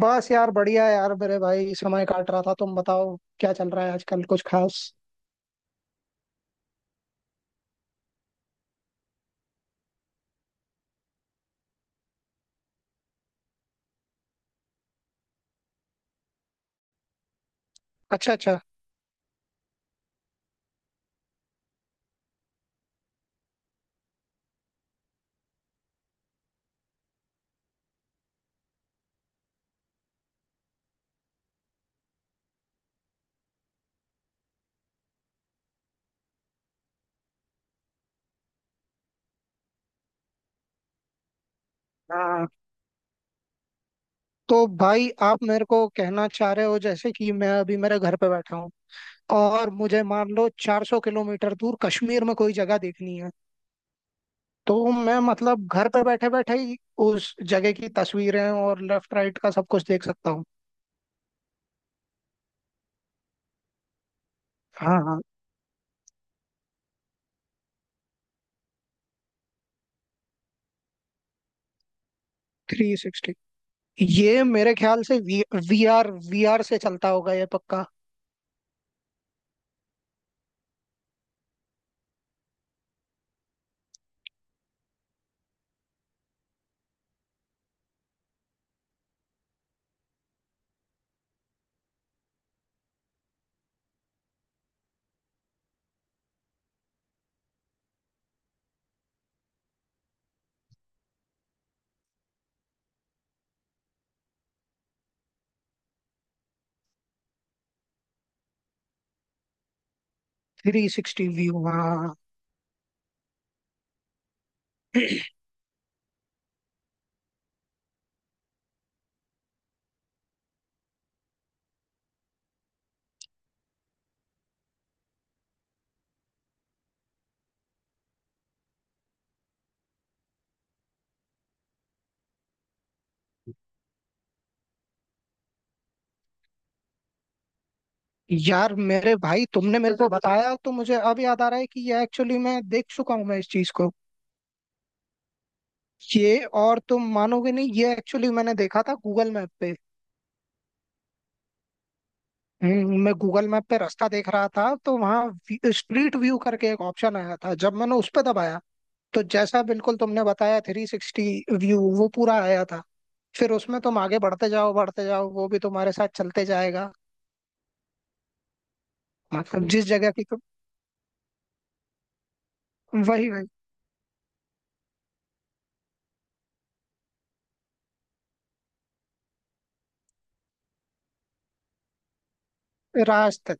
बस यार बढ़िया है यार मेरे भाई समय काट रहा था। तुम बताओ क्या चल रहा है आजकल कुछ खास। अच्छा अच्छा। हाँ। तो भाई आप मेरे को कहना चाह रहे हो जैसे कि मैं अभी मेरे घर पे बैठा हूँ और मुझे मान लो 400 किलोमीटर दूर कश्मीर में कोई जगह देखनी है। तो मैं मतलब घर पे बैठे बैठे ही उस जगह की तस्वीरें और लेफ्ट राइट का सब कुछ देख सकता हूँ। हाँ हाँ। Three sixty. ये मेरे ख्याल से वी आर से चलता होगा ये पक्का। थ्री सिक्सटी व्यू हाँ। यार मेरे भाई तुमने मेरे को बताया तो मुझे अब याद आ रहा है कि ये एक्चुअली मैं देख चुका हूँ मैं इस चीज को। ये और तुम मानोगे नहीं ये एक्चुअली मैंने देखा था गूगल मैप पे। मैं गूगल मैप पे रास्ता देख रहा था तो वहाँ स्ट्रीट व्यू करके एक ऑप्शन आया था जब मैंने उस पे दबाया। तो जैसा बिल्कुल तुमने बताया थ्री सिक्सटी व्यू वो पूरा आया था। फिर उसमें तुम आगे बढ़ते जाओ वो भी तुम्हारे साथ चलते जाएगा। मतलब जिस जगह की तुम वही वही रास्ते।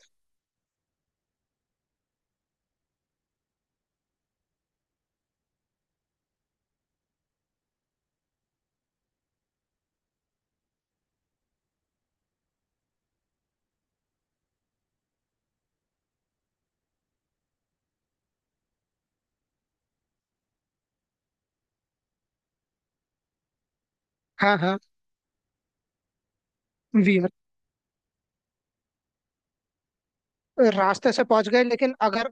हाँ हाँ। रास्ते से पहुंच गए लेकिन अगर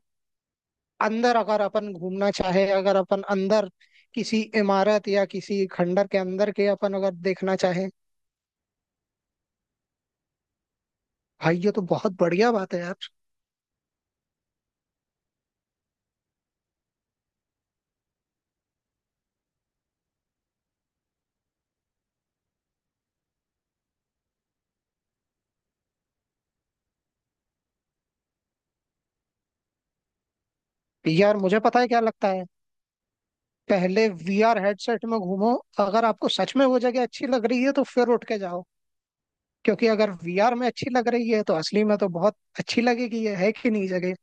अंदर अगर अपन घूमना चाहे अगर अपन अंदर किसी इमारत या किसी खंडर के अंदर के अपन अगर देखना चाहे। भाई ये तो बहुत बढ़िया बात है यार। यार मुझे पता है क्या लगता है। पहले वीआर हेडसेट में घूमो। अगर आपको सच में वो जगह अच्छी लग रही है तो फिर उठ के जाओ। क्योंकि अगर वीआर में अच्छी लग रही है तो असली में तो बहुत अच्छी लगेगी ये है कि नहीं जगह।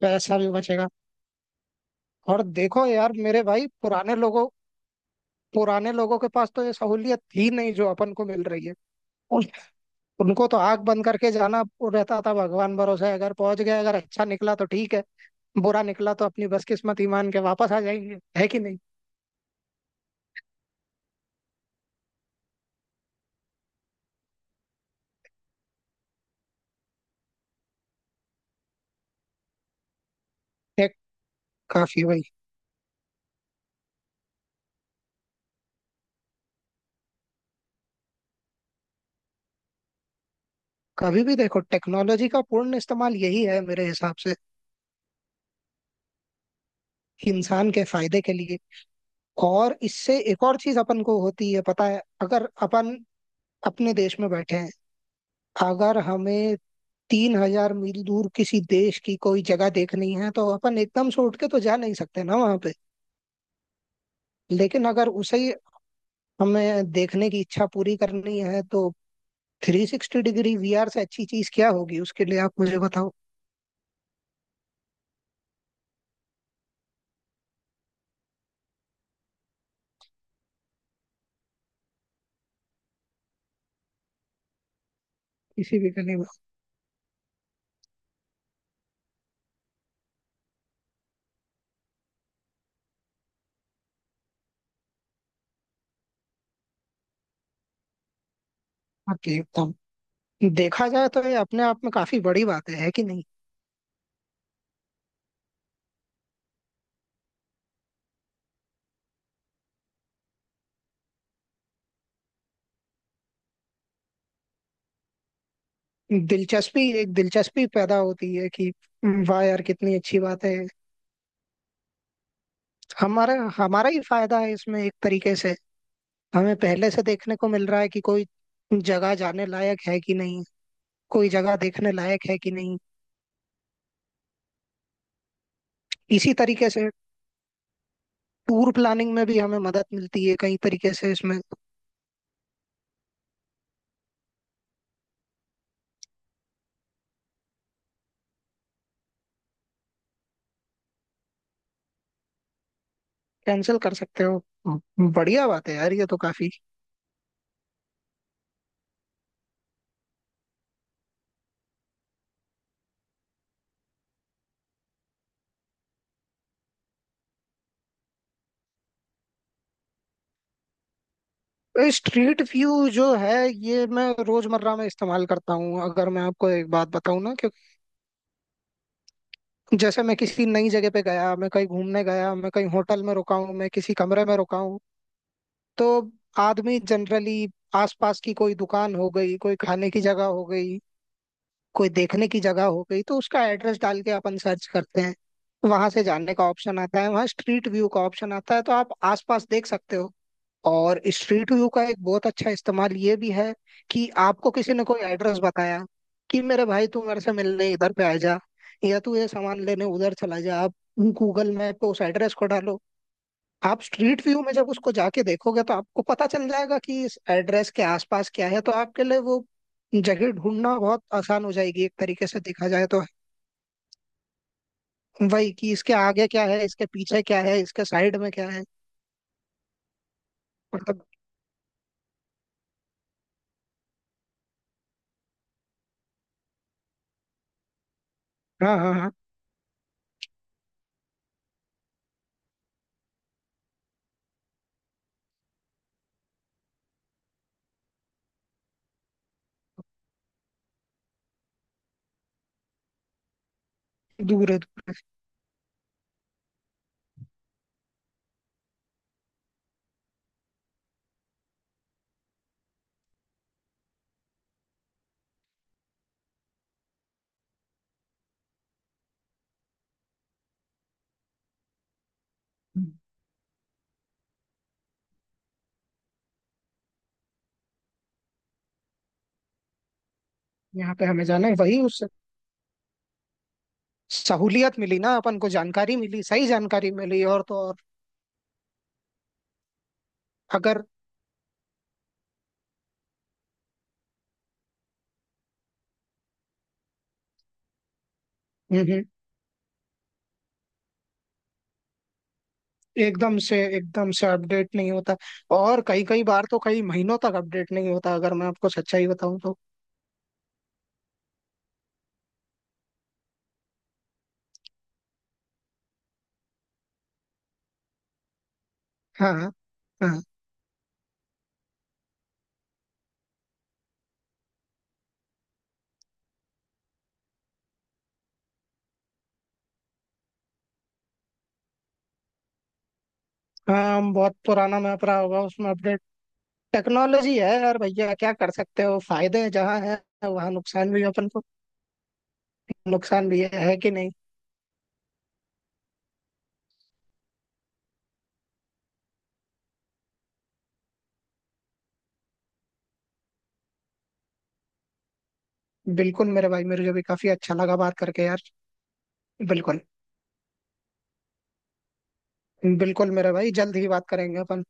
पैसा भी बचेगा। और देखो यार मेरे भाई पुराने लोगों के पास तो ये सहूलियत थी नहीं जो अपन को मिल रही है। उन, उनको तो आंख बंद करके जाना रहता था भगवान भरोसे अगर पहुंच गए अगर अच्छा निकला तो ठीक है। बुरा निकला तो अपनी बदकिस्मत ईमान के वापस आ जाएंगे है कि नहीं। है काफी भाई। कभी भी देखो टेक्नोलॉजी का पूर्ण इस्तेमाल यही है मेरे हिसाब से इंसान के फायदे के लिए। और इससे एक और चीज अपन को होती है पता है अगर अपन अपने देश में बैठे हैं। अगर हमें 3,000 मील दूर किसी देश की कोई जगह देखनी है तो अपन एकदम से उठ के तो जा नहीं सकते ना वहां पे। लेकिन अगर उसे हमें देखने की इच्छा पूरी करनी है तो थ्री सिक्सटी डिग्री वीआर से अच्छी चीज क्या होगी उसके लिए आप मुझे बताओ। किसी भी के लिए मैं आपके लिए बताऊं। देखा जाए तो ये अपने आप में काफी बड़ी बात है कि नहीं। दिलचस्पी एक दिलचस्पी पैदा होती है कि वाह यार कितनी अच्छी बात है। हमारा हमारा ही फायदा है इसमें एक तरीके से। हमें पहले से देखने को मिल रहा है कि कोई जगह जाने लायक है कि नहीं। कोई जगह देखने लायक है कि नहीं। इसी तरीके से टूर प्लानिंग में भी हमें मदद मिलती है कई तरीके से इसमें। कैंसिल कर सकते हो। बढ़िया बात है यार ये तो काफी। स्ट्रीट व्यू जो है ये मैं रोजमर्रा में इस्तेमाल करता हूँ अगर मैं आपको एक बात बताऊँ ना क्योंकि जैसे मैं किसी नई जगह पे गया मैं कहीं घूमने गया मैं कहीं होटल में रुका हूँ मैं किसी कमरे में रुका हूँ। तो आदमी जनरली आसपास की कोई दुकान हो गई कोई खाने की जगह हो गई कोई देखने की जगह हो गई तो उसका एड्रेस डाल के अपन सर्च करते हैं। वहां से जानने का ऑप्शन आता है वहां स्ट्रीट व्यू का ऑप्शन आता है तो आप आसपास देख सकते हो। और स्ट्रीट व्यू का एक बहुत अच्छा इस्तेमाल ये भी है कि आपको किसी ने कोई एड्रेस बताया कि मेरे भाई तू मेरे से मिलने इधर पे आ जा या तू ये सामान लेने उधर चला जा। आप गूगल मैप पे उस एड्रेस को डालो। आप स्ट्रीट व्यू में जब उसको जाके देखोगे तो आपको पता चल जाएगा कि इस एड्रेस के आसपास क्या है तो आपके लिए वो जगह ढूंढना बहुत आसान हो जाएगी एक तरीके से देखा जाए तो। वही कि इसके आगे क्या है इसके पीछे क्या है इसके साइड में क्या है मतलब। हाँ हाँ हाँ। दूर है, यहाँ पे हमें जाना है वही उससे सहूलियत मिली ना अपन को जानकारी मिली सही जानकारी मिली और तो और अगर। हम्म एकदम से अपडेट नहीं होता और कई कई बार तो कई महीनों तक अपडेट नहीं होता अगर मैं आपको सच्चाई बताऊं तो। हाँ हाँ हाँ। हाँ, बहुत पुराना मैप रहा होगा उसमें अपडेट टेक्नोलॉजी है यार भैया क्या कर सकते हो फायदे हैं जहाँ है वहाँ नुकसान भी है अपन को। नुकसान भी है कि नहीं। बिल्कुल मेरे भाई मेरे जो भी काफी अच्छा लगा बात करके यार। बिल्कुल बिल्कुल मेरे भाई जल्द ही बात करेंगे अपन।